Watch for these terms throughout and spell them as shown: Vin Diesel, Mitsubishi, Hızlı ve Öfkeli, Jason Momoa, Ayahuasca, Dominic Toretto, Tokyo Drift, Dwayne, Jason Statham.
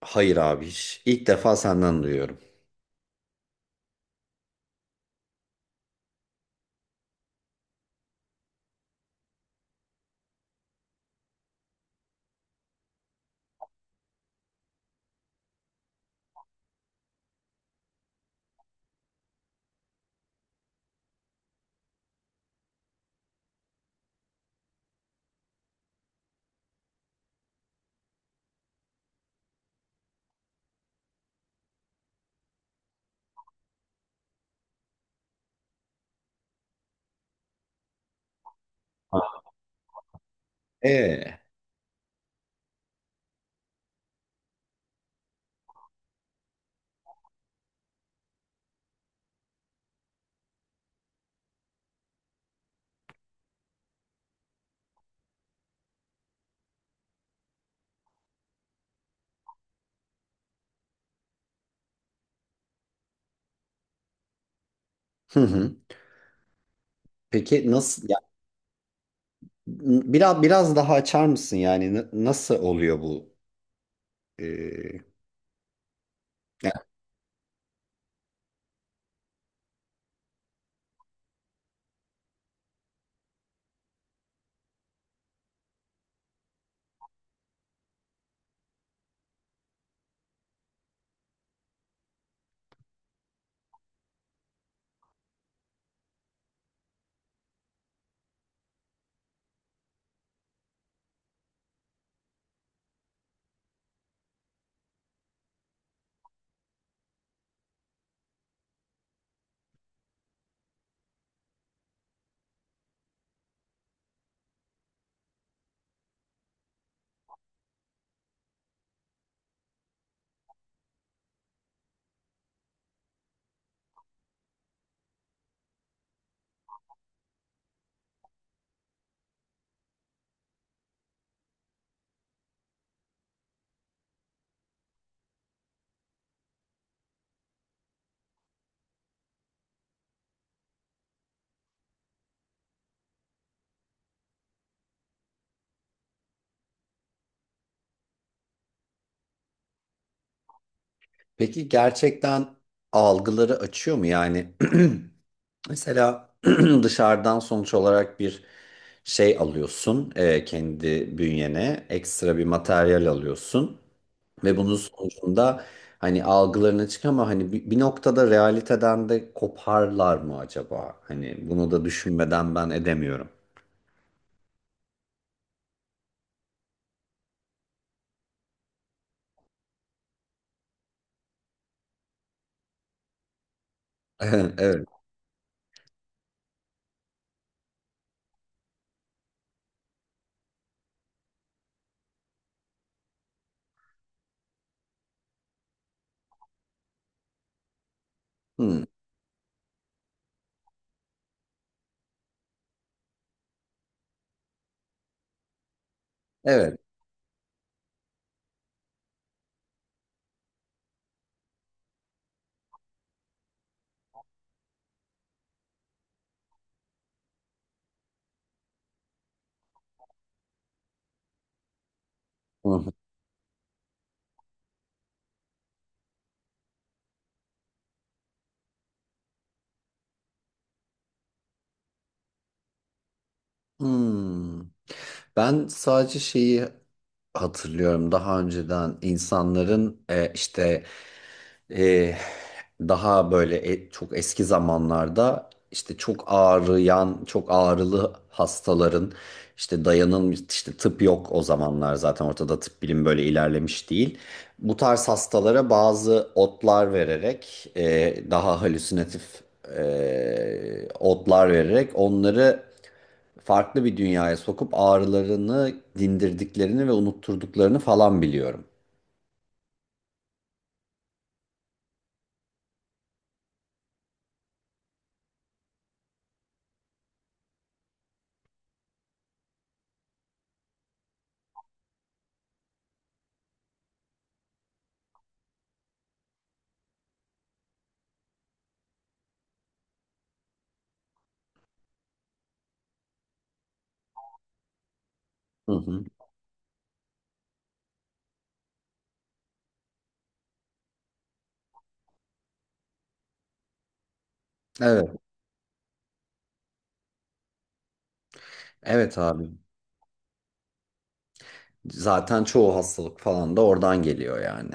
Hayır abi hiç. İlk defa senden duyuyorum. Ee, hı hı. Peki nasıl ya biraz daha açar mısın yani, nasıl oluyor bu? Ee, ya peki gerçekten algıları açıyor mu yani? Mesela dışarıdan sonuç olarak bir şey alıyorsun, kendi bünyene ekstra bir materyal alıyorsun. Ve bunun sonucunda hani algılarına çık ama hani bir noktada realiteden de koparlar mı acaba? Hani bunu da düşünmeden ben edemiyorum. Evet. Hmm. Evet. Hmm. Hmm. Ben sadece şeyi hatırlıyorum, daha önceden insanların, işte, e, daha böyle, çok eski zamanlarda, işte çok ağrıyan, çok ağrılı hastaların, işte dayanın, işte tıp yok o zamanlar, zaten ortada tıp bilim böyle ilerlemiş değil. Bu tarz hastalara bazı otlar vererek, daha halüsinatif otlar vererek onları farklı bir dünyaya sokup ağrılarını dindirdiklerini ve unutturduklarını falan biliyorum. Hı hı. Evet, evet abi. Zaten çoğu hastalık falan da oradan geliyor yani.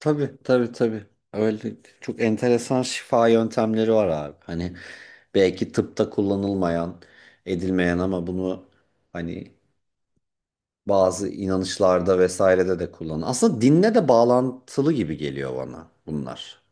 Tabii, tabii, tabii. Öyle çok enteresan şifa yöntemleri var abi. Hani belki tıpta kullanılmayan, edilmeyen ama bunu hani bazı inanışlarda vesairede de kullanılan. Aslında dinle de bağlantılı gibi geliyor bana bunlar.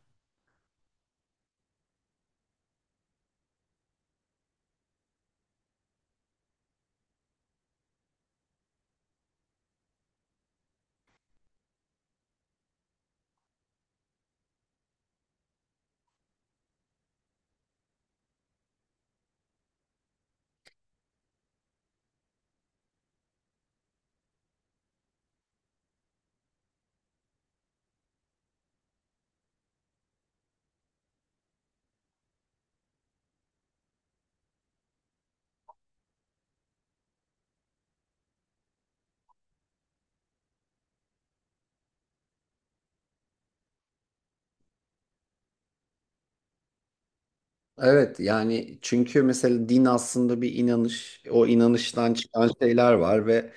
Evet yani, çünkü mesela din aslında bir inanış. O inanıştan çıkan şeyler var ve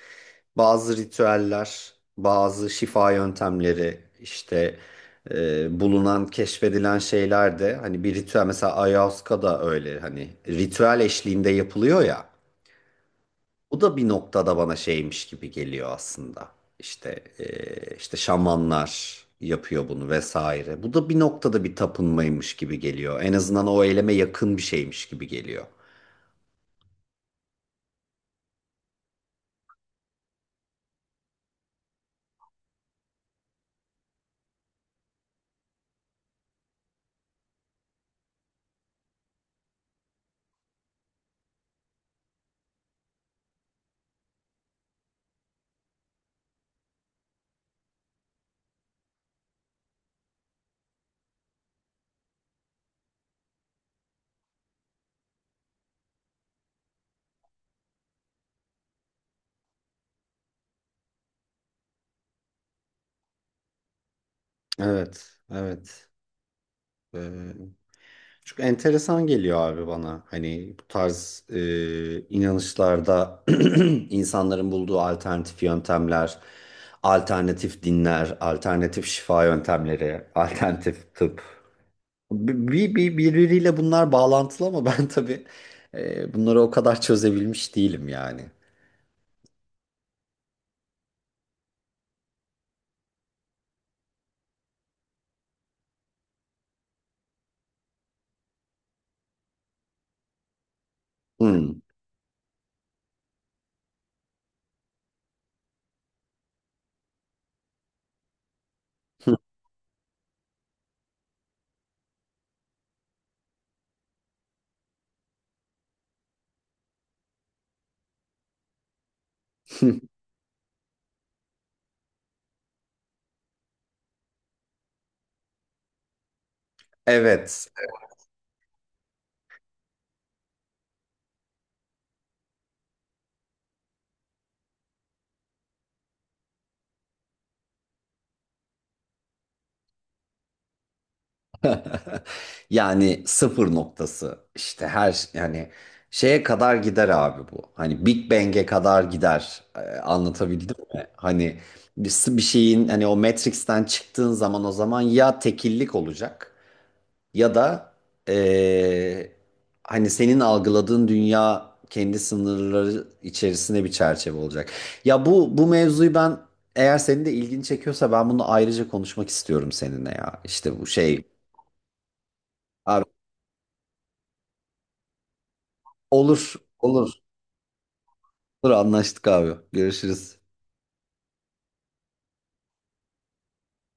bazı ritüeller, bazı şifa yöntemleri işte, bulunan, keşfedilen şeyler de hani bir ritüel, mesela Ayahuasca da öyle, hani ritüel eşliğinde yapılıyor ya. Bu da bir noktada bana şeymiş gibi geliyor aslında. İşte, işte şamanlar yapıyor bunu vesaire. Bu da bir noktada bir tapınmaymış gibi geliyor. En azından o eyleme yakın bir şeymiş gibi geliyor. Evet, evet. Eee, çünkü enteresan geliyor abi bana. Hani bu tarz, inanışlarda, insanların bulduğu alternatif yöntemler, alternatif dinler, alternatif şifa yöntemleri, alternatif tıp. Birbiriyle bunlar bağlantılı ama ben tabii, bunları o kadar çözebilmiş değilim yani. Hmm. Evet. Yani sıfır noktası işte, her yani şeye kadar gider abi bu. Hani Big Bang'e kadar gider. Anlatabildim mi? Hani bir şeyin, hani o Matrix'ten çıktığın zaman, o zaman ya tekillik olacak, ya da eee, hani senin algıladığın dünya kendi sınırları içerisinde bir çerçeve olacak. Ya bu mevzuyu ben, eğer senin de ilgini çekiyorsa, ben bunu ayrıca konuşmak istiyorum seninle ya. İşte bu şey abi, olur, olur, olur, anlaştık abi. Görüşürüz.